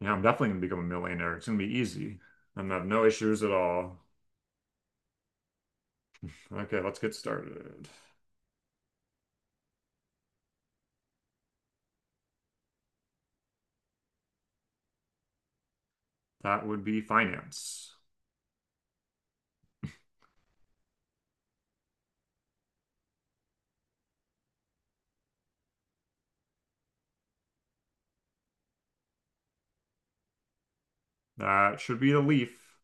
Yeah, I'm definitely gonna become a millionaire. It's gonna be easy. I'm gonna have no issues at all. Okay, let's get started. That would be finance. That should be the leaf.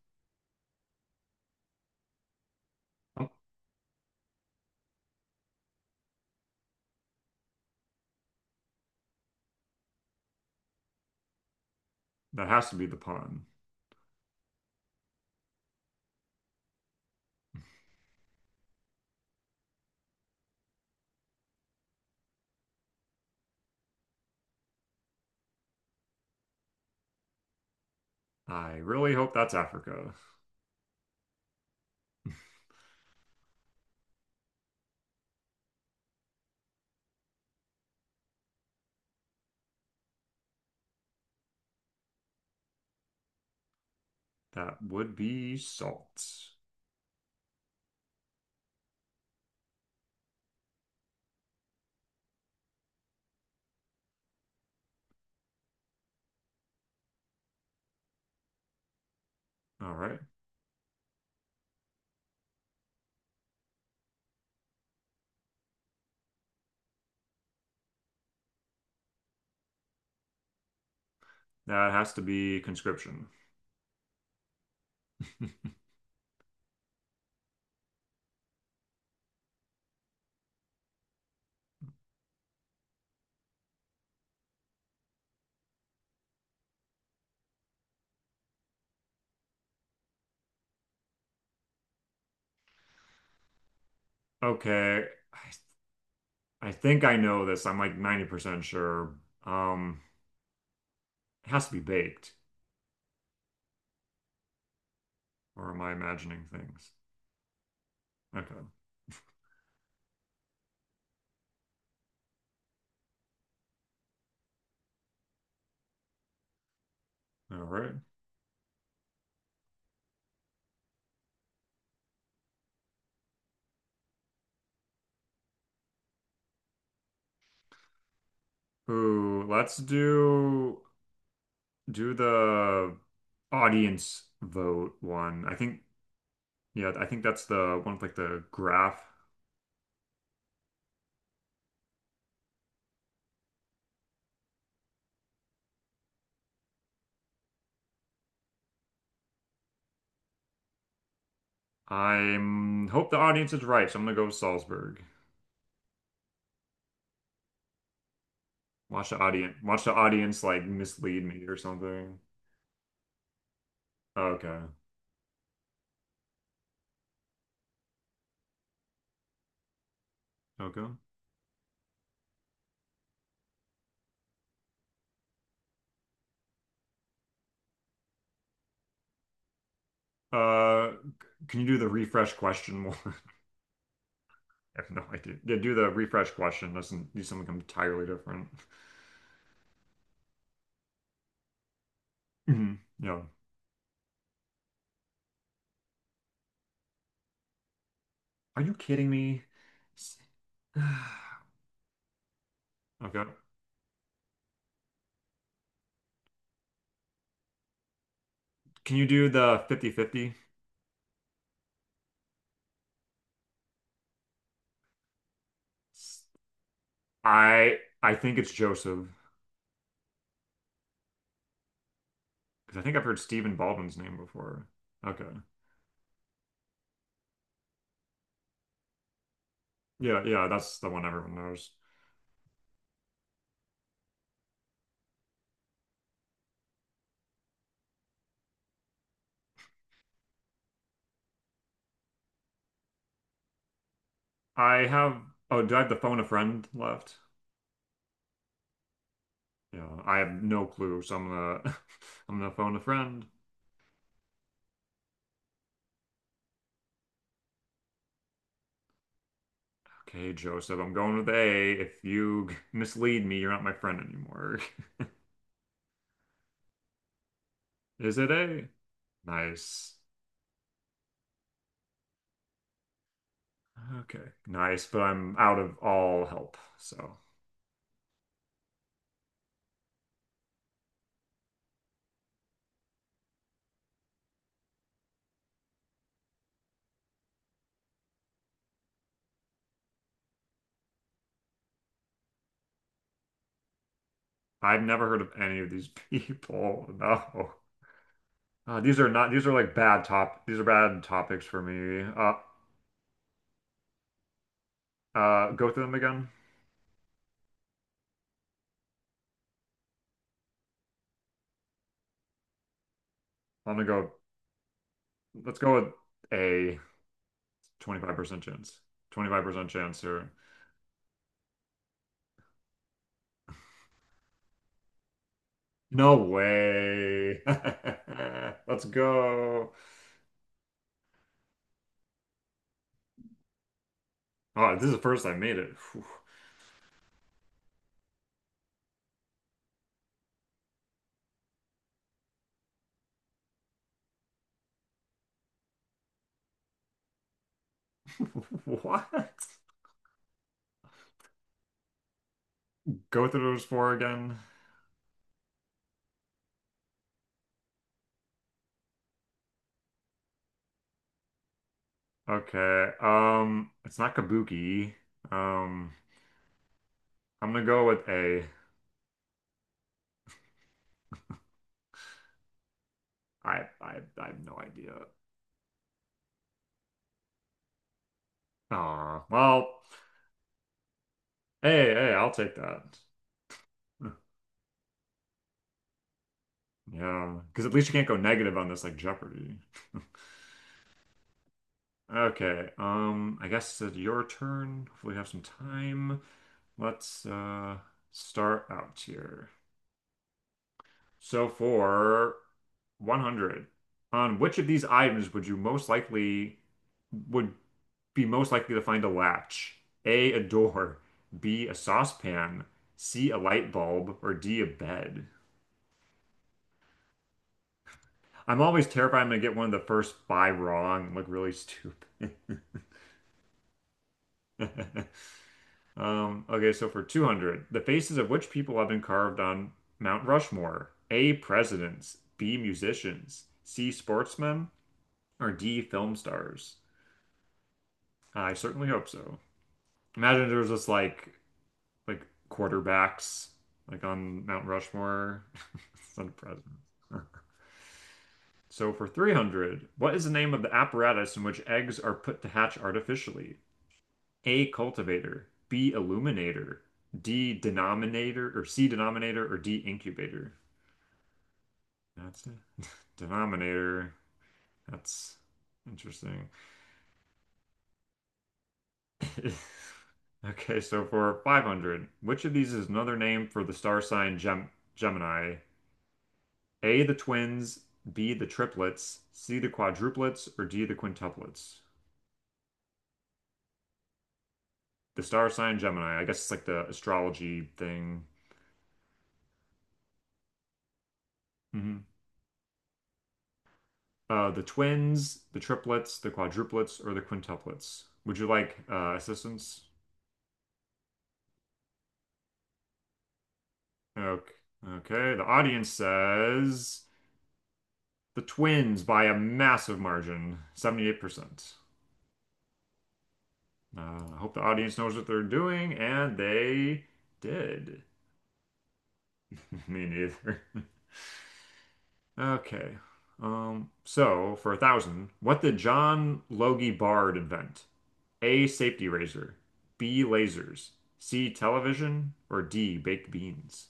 Oh, that has to be the pun. I really hope that's Africa. That would be salt. All right. That has to be conscription. Okay. I, I think I know this. I'm like 90% sure. Um, it has to be baked, or am I imagining things? Okay. All right. Ooh, let's do the audience vote one. I think Yeah, I think that's the one with like the graph. I'm hope the audience is right, so I'm gonna go with Salzburg. Watch the audience like mislead me or something. Okay. Okay. Uh can you do the refresh question more? I have no idea. Yeah, do the refresh question. Doesn't do something entirely different. Mhm. Yeah. Are you kidding me? Okay. Can you do the 50-50? I think it's Joseph because I think I've heard Stephen Baldwin's name before. Okay. Yeah, yeah, that's the one everyone knows. I have Oh, do I have the phone a friend left? Yeah, I have no clue, so I'm gonna I'm gonna phone a friend. Okay, Joseph, I'm going with A. If you mislead me, you're not my friend anymore. Is it A? Nice. Okay, nice, but I'm out of all help, so I've never heard of any of these people. No. These are not, these are bad topics for me. Go through them again. I'm gonna go, let's go with a 25% chance. 25% chance here. No way. Let's go. Oh, this is the first I made it. What? Go through those four again. Okay. It's not Kabuki. Um, I'm gonna go with a I have no idea. Oh well, hey, hey, I'll take that. Yeah, because at least you can't go negative on this like Jeopardy. Okay, I guess it's your turn. Hopefully we have some time. Let's start out here. So for 100, on which of these items would be most likely to find a latch? A door, B, a saucepan, C, a light bulb, or D, a bed? I'm always terrified I'm gonna get one of the first five wrong and look really stupid. Okay, so for 200, the faces of which people have been carved on Mount Rushmore? A, presidents, B, musicians, C, sportsmen, or D, film stars? I certainly hope so. Imagine there was just like quarterbacks like on Mount Rushmore. Son of presidents. So for 300, what is the name of the apparatus in which eggs are put to hatch artificially? A cultivator, B illuminator, D denominator or C denominator or D incubator. That's a denominator. That's interesting. Okay, so for 500, which of these is another name for the star sign Gemini? A, the twins, B, the triplets, C, the quadruplets, or D, the quintuplets? The star sign Gemini. I guess it's like the astrology thing. hmm the twins, the triplets, the quadruplets, or the quintuplets? Would you like assistance? Okay. Okay, the audience says the twins by a massive margin, 78%. I hope the audience knows what they're doing, and they did. Me neither. Okay. So for a thousand, what did John Logie Bard invent? A safety razor, B lasers, C television, or D baked beans?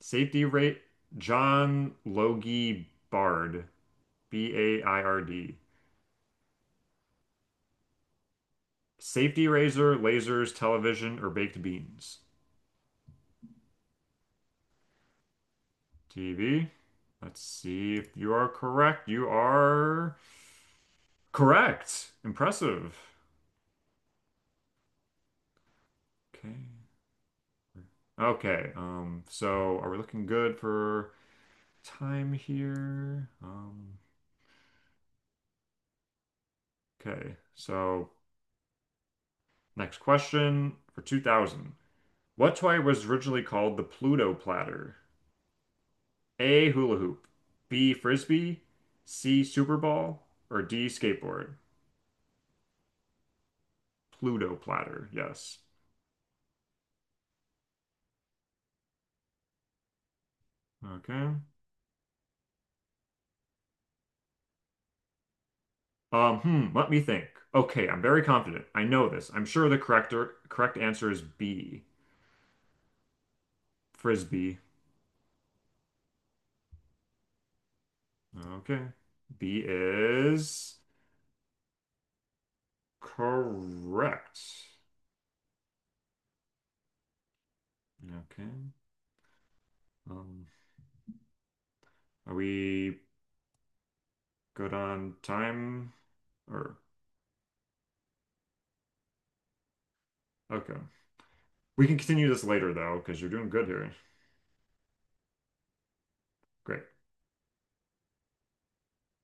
Safety rate John Logie Bard, Baird. Safety razor, lasers, television, or baked beans? TV. Let's see if you are correct. You are correct. Impressive. Okay. Okay. So are we looking good for time here? Okay. So next question for 2000. What toy was originally called the Pluto Platter? A hula hoop, B frisbee, C super ball, or D skateboard? Pluto Platter. Yes. Okay. Let me think. Okay, I'm very confident. I know this. I'm sure the correct answer is B. Frisbee. Okay. B is correct. Okay. Um, are we good on time or okay. We can continue this later though, because you're doing good here. Great.